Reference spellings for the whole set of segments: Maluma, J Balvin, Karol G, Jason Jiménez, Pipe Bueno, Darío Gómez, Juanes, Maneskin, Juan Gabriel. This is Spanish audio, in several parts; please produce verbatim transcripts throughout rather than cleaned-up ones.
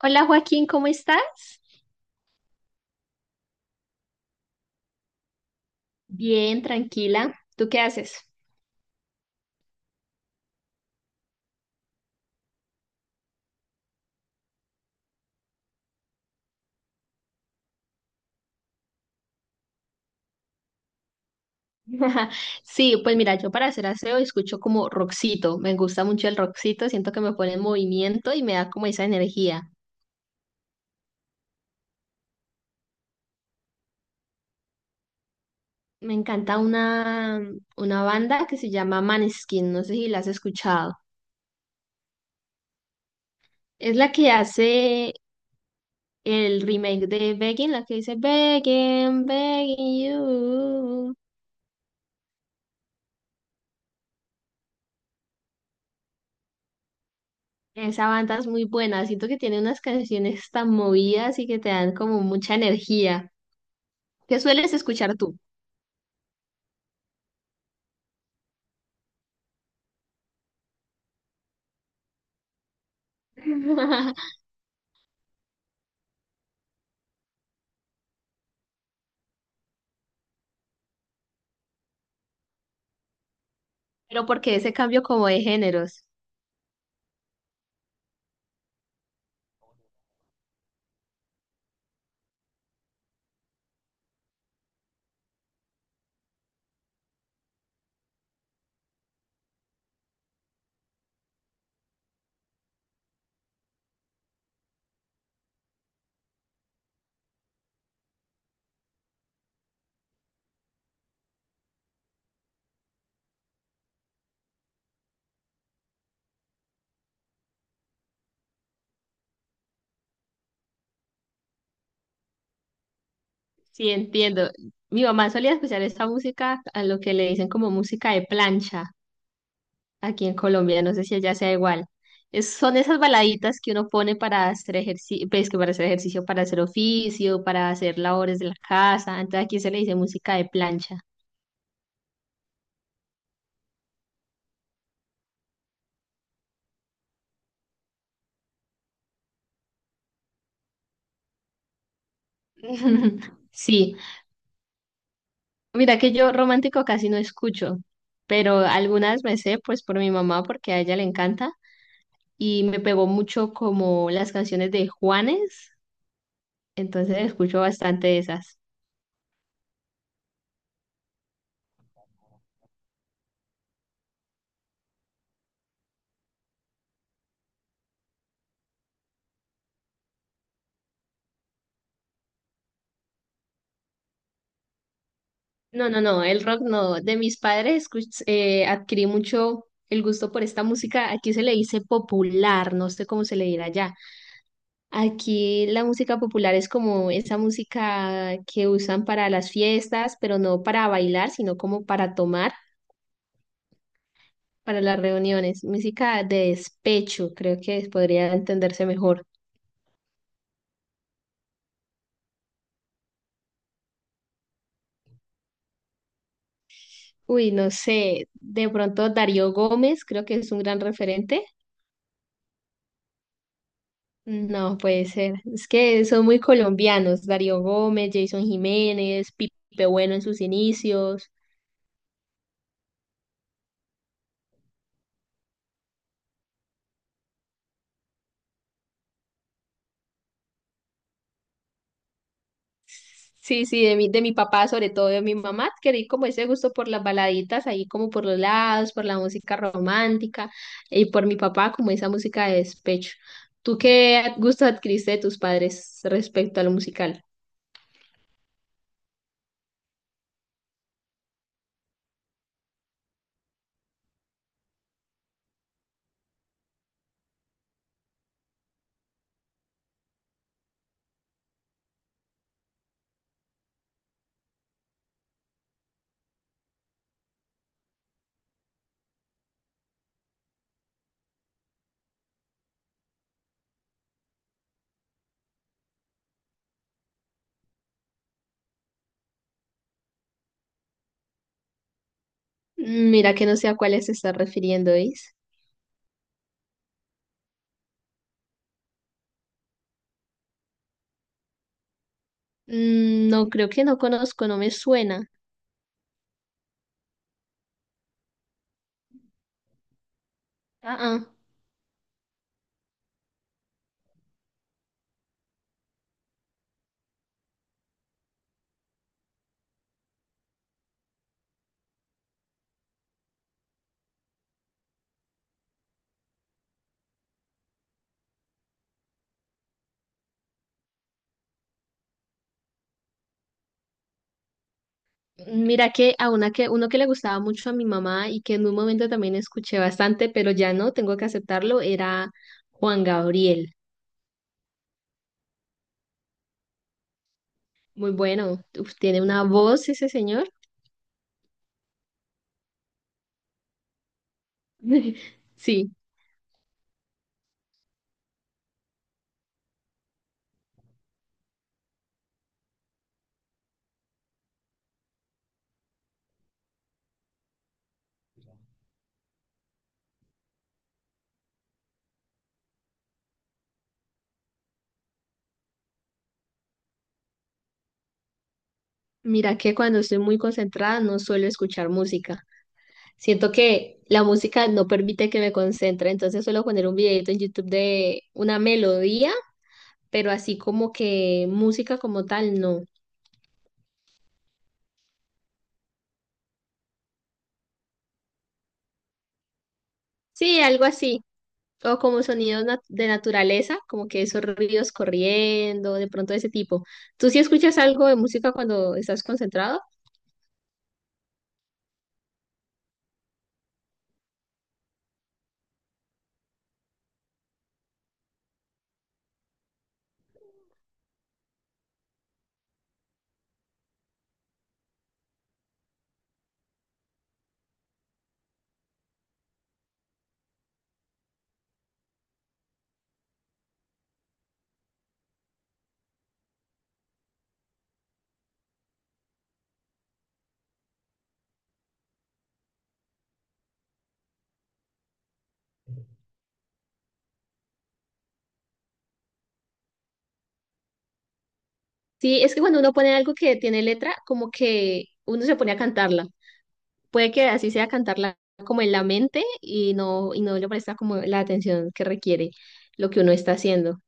Hola Joaquín, ¿cómo estás? Bien, tranquila. ¿Tú qué haces? Sí, pues mira, yo para hacer aseo escucho como rockcito. Me gusta mucho el rockcito, siento que me pone en movimiento y me da como esa energía. Me encanta una, una banda que se llama Maneskin, no sé si la has escuchado. Es la que hace el remake de Begging, la que dice Begging, Begging You. Esa banda es muy buena, siento que tiene unas canciones tan movidas y que te dan como mucha energía. ¿Qué sueles escuchar tú? ¿Pero porque ese cambio como de géneros? Sí, entiendo. Mi mamá solía escuchar esta música, a lo que le dicen como música de plancha aquí en Colombia, no sé si allá sea igual. Es- son esas baladitas que uno pone para hacer ejercicio, pues que para hacer ejercicio, para hacer oficio, para hacer labores de la casa. Entonces aquí se le dice música de plancha. Sí, mira que yo romántico casi no escucho, pero algunas me sé pues por mi mamá porque a ella le encanta. Y me pegó mucho como las canciones de Juanes, entonces escucho bastante de esas. No, no, no, el rock no. De mis padres escuch- eh, adquirí mucho el gusto por esta música. Aquí se le dice popular, no sé cómo se le dirá allá. Aquí la música popular es como esa música que usan para las fiestas, pero no para bailar, sino como para tomar, para las reuniones. Música de despecho, creo que podría entenderse mejor. Uy, no sé, de pronto Darío Gómez, creo que es un gran referente. No puede ser, es que son muy colombianos, Darío Gómez, Jason Jiménez, Pipe Bueno en sus inicios. Sí, sí, de mi, de mi papá, sobre todo de mi mamá, adquirí como ese gusto por las baladitas, ahí como por los lados, por la música romántica, y por mi papá como esa música de despecho. ¿Tú qué gusto adquiriste de tus padres respecto a lo musical? Mm, mira que no sé a cuáles se está refiriendo, ¿eh? Mm, no, creo que no conozco, no me suena. Ah, ah. Mira que a una que, uno que le gustaba mucho a mi mamá y que en un momento también escuché bastante, pero ya no, tengo que aceptarlo, era Juan Gabriel. Muy bueno. Uf, tiene una voz ese señor. Sí, mira que cuando estoy muy concentrada no suelo escuchar música. Siento que la música no permite que me concentre, entonces suelo poner un videito en YouTube de una melodía, pero así como que música como tal, no. Sí, algo así. O como sonidos nat- de naturaleza, como que esos ríos corriendo, de pronto ese tipo. ¿Tú sí escuchas algo de música cuando estás concentrado? Sí, es que cuando uno pone algo que tiene letra, como que uno se pone a cantarla. Puede que así sea cantarla como en la mente y no, y no le presta como la atención que requiere lo que uno está haciendo.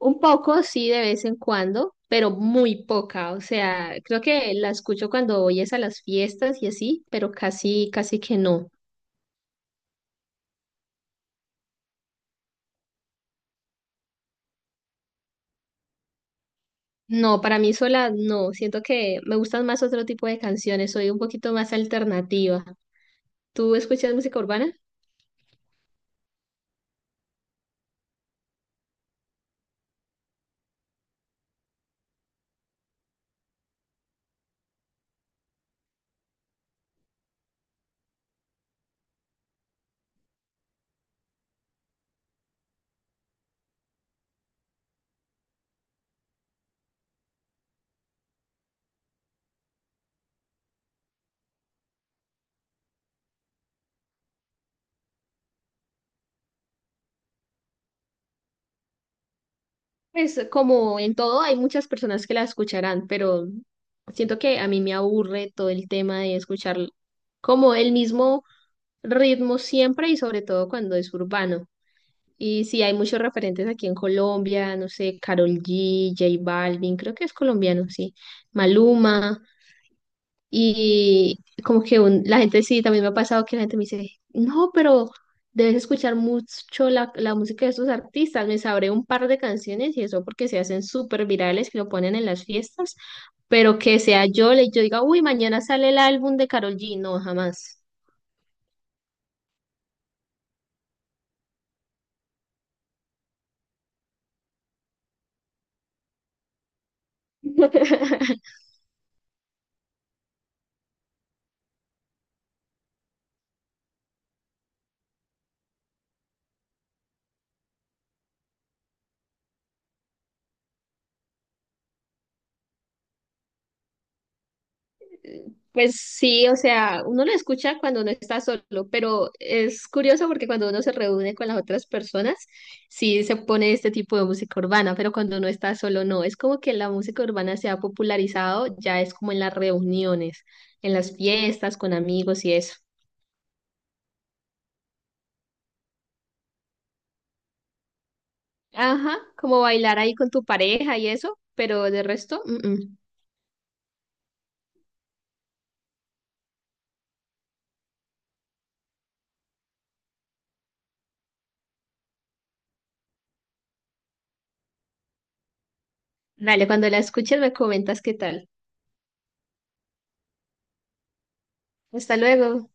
Un poco, sí, de vez en cuando, pero muy poca. O sea, creo que la escucho cuando voy es a las fiestas y así, pero casi, casi que no. No, para mí sola no. Siento que me gustan más otro tipo de canciones. Soy un poquito más alternativa. ¿Tú escuchas música urbana? Pues como en todo, hay muchas personas que la escucharán, pero siento que a mí me aburre todo el tema de escuchar como el mismo ritmo siempre y sobre todo cuando es urbano. Y sí, hay muchos referentes aquí en Colombia, no sé, Karol ge, jota Balvin, creo que es colombiano, sí. Maluma. Y como que un- la gente sí, también me ha pasado que la gente me dice, no, pero debes escuchar mucho la, la música de estos artistas, me sabré un par de canciones y eso porque se hacen súper virales, que lo ponen en las fiestas, pero que sea yo, le, yo diga, uy, mañana sale el álbum de Karol ge, no, jamás. Pues sí, o sea, uno lo escucha cuando uno está solo, pero es curioso porque cuando uno se reúne con las otras personas, sí se pone este tipo de música urbana, pero cuando uno está solo no. Es como que la música urbana se ha popularizado, ya es como en las reuniones, en las fiestas con amigos y eso. Ajá, como bailar ahí con tu pareja y eso, pero de resto, mm, mm. Dale, cuando la escuches me comentas qué tal. Hasta luego.